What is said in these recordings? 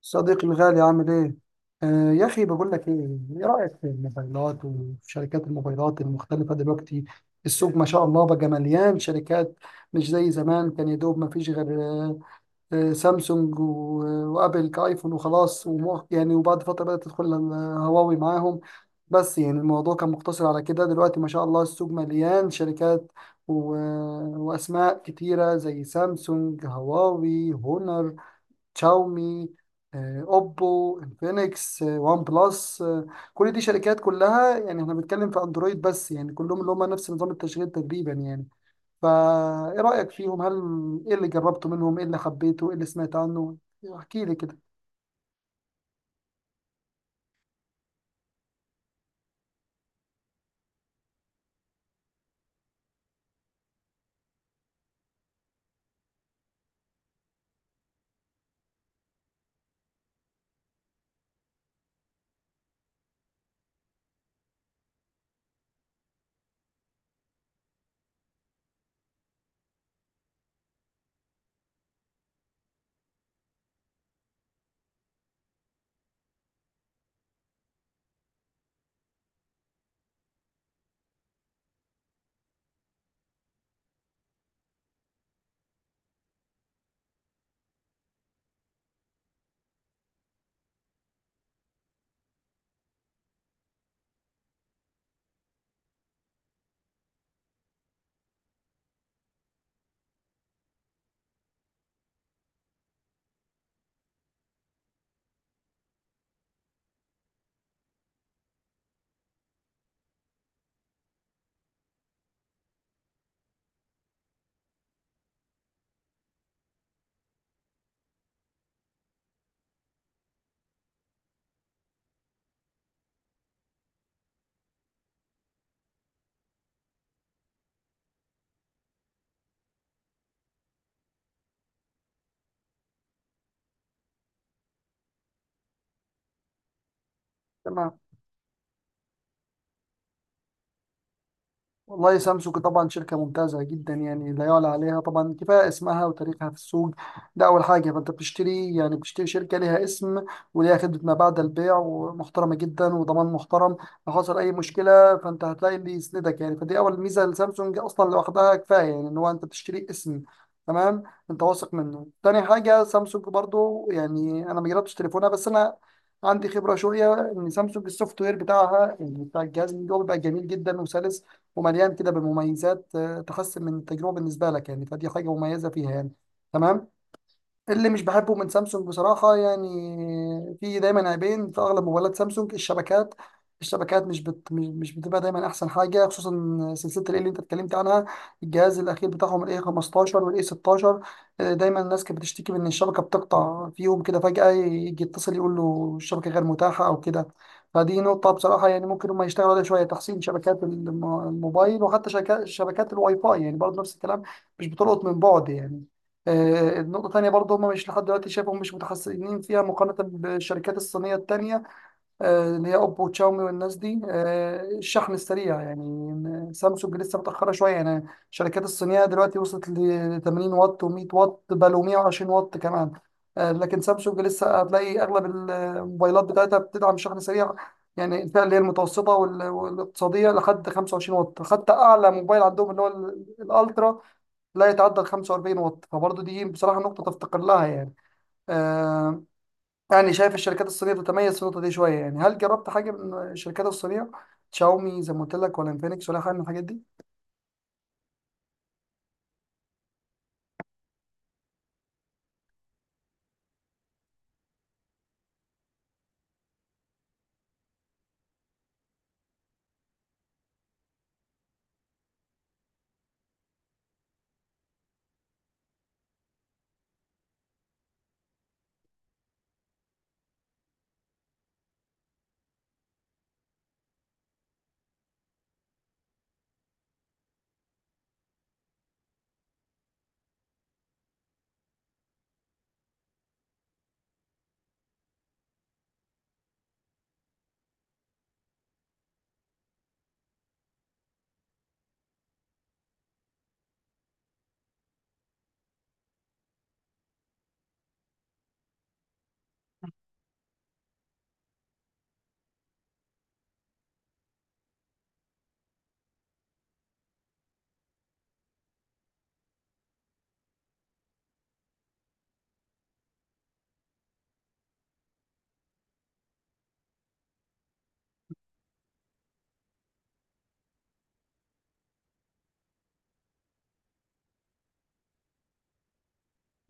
صديقي الغالي عامل ايه؟ يا اخي بقول لك ايه؟ ايه رأيك في الموبايلات وفي شركات الموبايلات المختلفة دلوقتي؟ السوق ما شاء الله بقى مليان شركات. مش زي زمان، كان يا دوب ما فيش غير سامسونج و- وابل كايفون وخلاص، وبعد فترة بدأت تدخل هواوي معاهم. بس يعني الموضوع كان مقتصر على كده. دلوقتي ما شاء الله السوق مليان شركات و- واسماء كتيرة، زي سامسونج، هواوي، هونر، شاومي، اوبو، انفينكس، وان بلس. كل دي شركات، كلها يعني احنا بنتكلم في اندرويد، بس يعني كلهم اللي هم نفس نظام التشغيل تقريبا يعني. فا ايه رأيك فيهم؟ ايه اللي جربته منهم؟ ايه اللي حبيته؟ ايه اللي سمعت عنه؟ يعني احكي لي كده. تمام. والله سامسونج طبعا شركة ممتازة جدا، يعني لا يعلى عليها طبعا. كفاية اسمها وتاريخها في السوق، ده أول حاجة. فأنت بتشتري يعني بتشتري شركة ليها اسم، وليها خدمة ما بعد البيع ومحترمة جدا، وضمان محترم. لو حصل أي مشكلة فأنت هتلاقي اللي يسندك يعني، فدي أول ميزة لسامسونج. أصلا لوحدها كفاية يعني، إن هو أنت بتشتري اسم تمام أنت واثق منه. تاني حاجة سامسونج برضو، يعني أنا ما جربتش تليفونها، بس أنا عندي خبرة شوية إن سامسونج السوفت وير بتاعها، يعني بتاع الجهاز من جوه، بيبقى جميل جدا وسلس ومليان كده بمميزات تحسن من التجربة بالنسبة لك، يعني فدي حاجة مميزة فيها يعني. تمام. اللي مش بحبه من سامسونج بصراحة يعني، في دايما عيبين في أغلب موبايلات سامسونج. الشبكات، الشبكات مش بت... مش مش بتبقى دايما أحسن حاجة، خصوصا سلسلة ال اللي أنت اتكلمت عنها، الجهاز الأخير بتاعهم ال A15 وال A16. دايما الناس كانت بتشتكي من إن الشبكة بتقطع فيهم كده فجأة، يجي يتصل يقول له الشبكة غير متاحة أو كده. فدي نقطة بصراحة يعني ممكن هم يشتغلوا عليها شوية، تحسين شبكات الموبايل، وحتى شبكات الواي فاي يعني برضه نفس الكلام، مش بتلقط من بعد يعني. النقطة التانية برضه هم مش لحد دلوقتي شايفهم مش متحسنين فيها مقارنة بالشركات الصينية التانية، اللي هي أوبو وتشاومي والناس دي، الشحن السريع. يعني سامسونج لسه متأخرة شوية يعني. الشركات الصينية دلوقتي وصلت ل 80 واط و100 واط، بل و120 واط كمان. لكن سامسونج لسه هتلاقي أغلب الموبايلات بتاعتها بتدعم شحن سريع، يعني الفئة اللي هي المتوسطة والاقتصادية لحد 25 واط، حتى أعلى موبايل عندهم اللي هو الألترا لا يتعدى ال 45 واط. فبرضه دي بصراحة نقطة تفتقر لها يعني. آه يعني شايف الشركات الصينية بتتميز في النقطة دي شوية يعني. هل جربت حاجة من الشركات الصينية؟ شاومي زي ما قلت لك، ولا انفينكس، ولا حاجة من الحاجات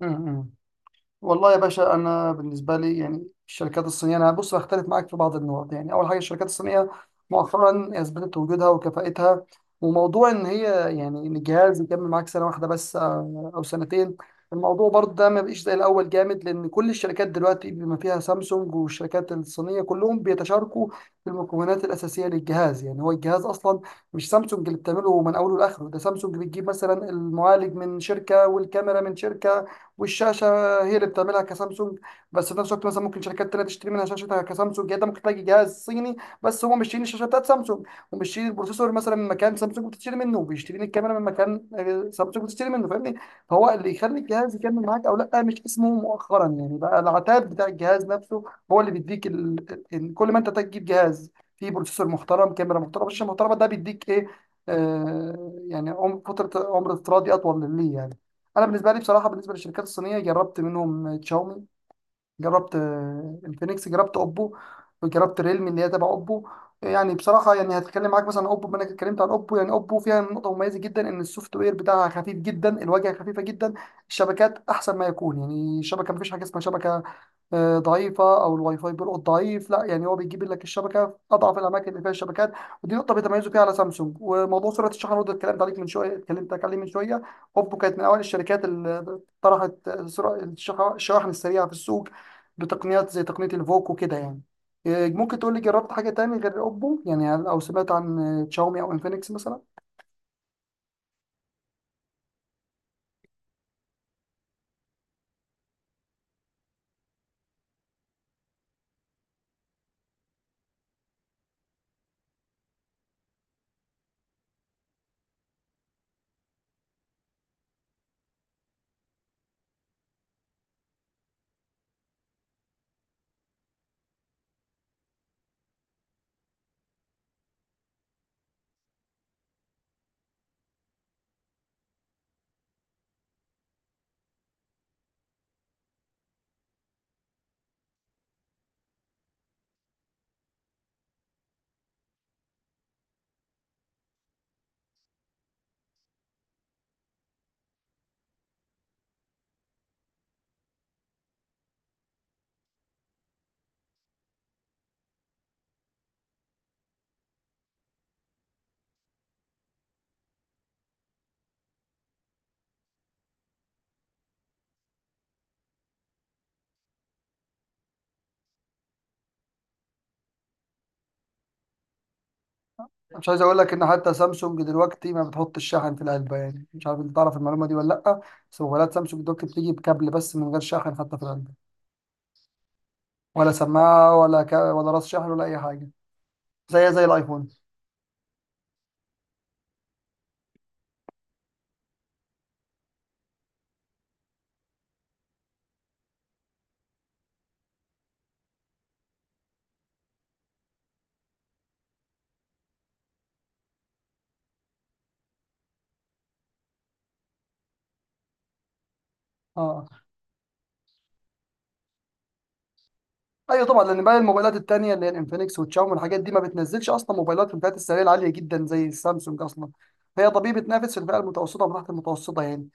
دي؟ والله يا باشا، انا بالنسبه لي يعني الشركات الصينيه، انا بص هختلف معاك في بعض النقط. يعني اول حاجه، الشركات الصينيه مؤخرا اثبتت وجودها وكفاءتها. وموضوع ان هي يعني ان الجهاز يكمل معاك سنه واحده بس او سنتين، الموضوع برضه ده ما بقيش زي الاول جامد، لان كل الشركات دلوقتي بما فيها سامسونج والشركات الصينيه كلهم بيتشاركوا في المكونات الاساسيه للجهاز. يعني هو الجهاز اصلا مش سامسونج اللي بتعمله من اوله لاخره، ده سامسونج بتجيب مثلا المعالج من شركه، والكاميرا من شركه، والشاشه هي اللي بتعملها كسامسونج. بس في نفس الوقت مثلا ممكن شركات تانية تشتري منها شاشتها كسامسونج. يعني انت ممكن تلاقي جهاز صيني بس هو مش شايلين الشاشه بتاعت سامسونج، ومش شايلين البروسيسور مثلا من مكان سامسونج بتشتري منه، وبيشترين الكاميرا من مكان سامسونج بتشتري منه، فاهمني. فهو اللي يخلي الجهاز يكمل معاك او لا، مش اسمه مؤخرا يعني. بقى العتاد بتاع الجهاز نفسه هو اللي بيديك كل ما انت تجيب جهاز فيه بروسيسور محترم، كاميرا محترمه، شاشه محترمه، ده بيديك ايه؟ آه يعني فترة عمر افتراضي أطول ليه يعني. انا بالنسبه لي بصراحه، بالنسبه للشركات الصينيه، جربت منهم تشاومي، جربت الفينكس، جربت اوبو، وجربت ريلمي اللي هي تبع اوبو. يعني بصراحه يعني هتكلم معاك مثلا عن اوبو، بما انك اتكلمت عن اوبو. يعني اوبو فيها نقطه مميزه جدا، ان السوفت وير بتاعها خفيف جدا، الواجهه خفيفه جدا، الشبكات احسن ما يكون. يعني الشبكه مفيش حاجه اسمها شبكه ضعيفه او الواي فاي بيلقط ضعيف، لا، يعني هو بيجيب لك الشبكه في اضعف الاماكن اللي فيها الشبكات. ودي نقطه بيتميزوا فيها على سامسونج. وموضوع سرعه الشحن برضه، اتكلمت عليه من شويه. اوبو كانت من اوائل الشركات اللي طرحت سرعه الشواحن السريعه في السوق، بتقنيات زي تقنية الفوكو كده يعني. إيه، ممكن تقول لي جربت حاجة تاني غير أوبو؟ يعني أو سمعت عن تشاومي أو إنفينكس مثلا؟ مش عايز أقول لك إن حتى سامسونج دلوقتي ما بتحط الشاحن في العلبة، يعني مش عارف أنت تعرف المعلومة دي ولا لأ. بس موبايلات سامسونج دلوقتي بتيجي بكابل بس من غير شاحن حتى في العلبة، ولا سماعة، ولا راس شاحن، ولا أي حاجة، زي الآيفون. اه، ايوه طبعا، لان بقى الموبايلات التانية اللي هي الانفينكس والشاومي والحاجات دي ما بتنزلش اصلا موبايلات في الفئات السعريه العاليه جدا زي السامسونج اصلا. هي طبيعي بتنافس في الفئه المتوسطه وتحت المتوسطه يعني.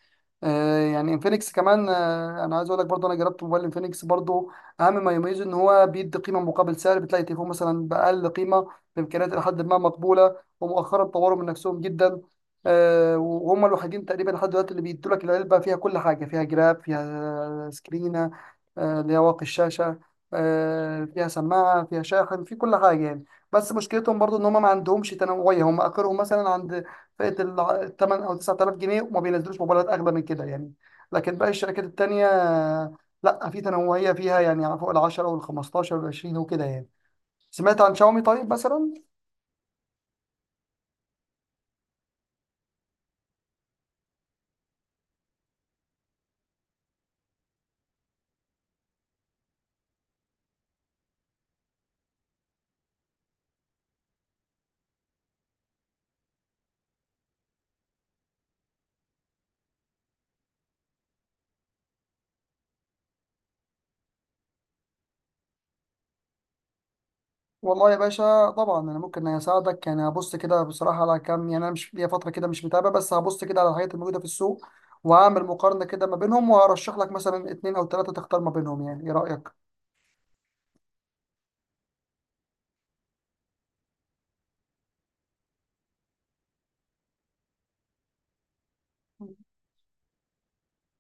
آه يعني انفينكس كمان، آه انا عايز اقول لك برضه، انا جربت موبايل انفينكس برضه. اهم ما يميزه ان هو بيدي قيمه مقابل سعر، بتلاقي تليفون مثلا باقل قيمه بامكانيات الى حد ما مقبوله. ومؤخرا طوروا من نفسهم جدا. آه وهم الوحيدين تقريبا لحد دلوقتي اللي بيدوا لك العلبه فيها كل حاجه، فيها جراب، فيها سكرينه اللي هي واقي الشاشه، فيها سماعة، فيها شاحن، في كل حاجة يعني. بس مشكلتهم برضو ان هم ما عندهمش تنوعية. هم اخرهم مثلا عند فئة ال 8 او 9000 جنيه، وما بينزلوش موبايلات اغلى من كده يعني. لكن باقي الشركات التانية لا، في تنوعية فيها يعني، فوق ال 10 وال 15 وال 20 وكده يعني. سمعت عن شاومي طيب مثلا؟ والله يا باشا طبعا انا ممكن اساعدك يعني. هبص كده بصراحه على كام، يعني انا مش ليا فتره كده مش متابع، بس هبص كده على الحاجات الموجوده في السوق، وهعمل مقارنه كده ما بينهم، وهرشح لك مثلا اتنين او تلاته تختار ما بينهم. يعني ايه رايك؟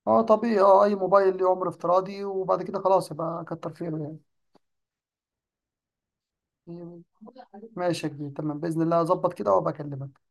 اه طبيعي، اه اي موبايل ليه عمر افتراضي، وبعد كده خلاص، يبقى كتر خيره يعني. ماشي يا كبير، تمام باذن الله اظبط كده وابقى اكلمك.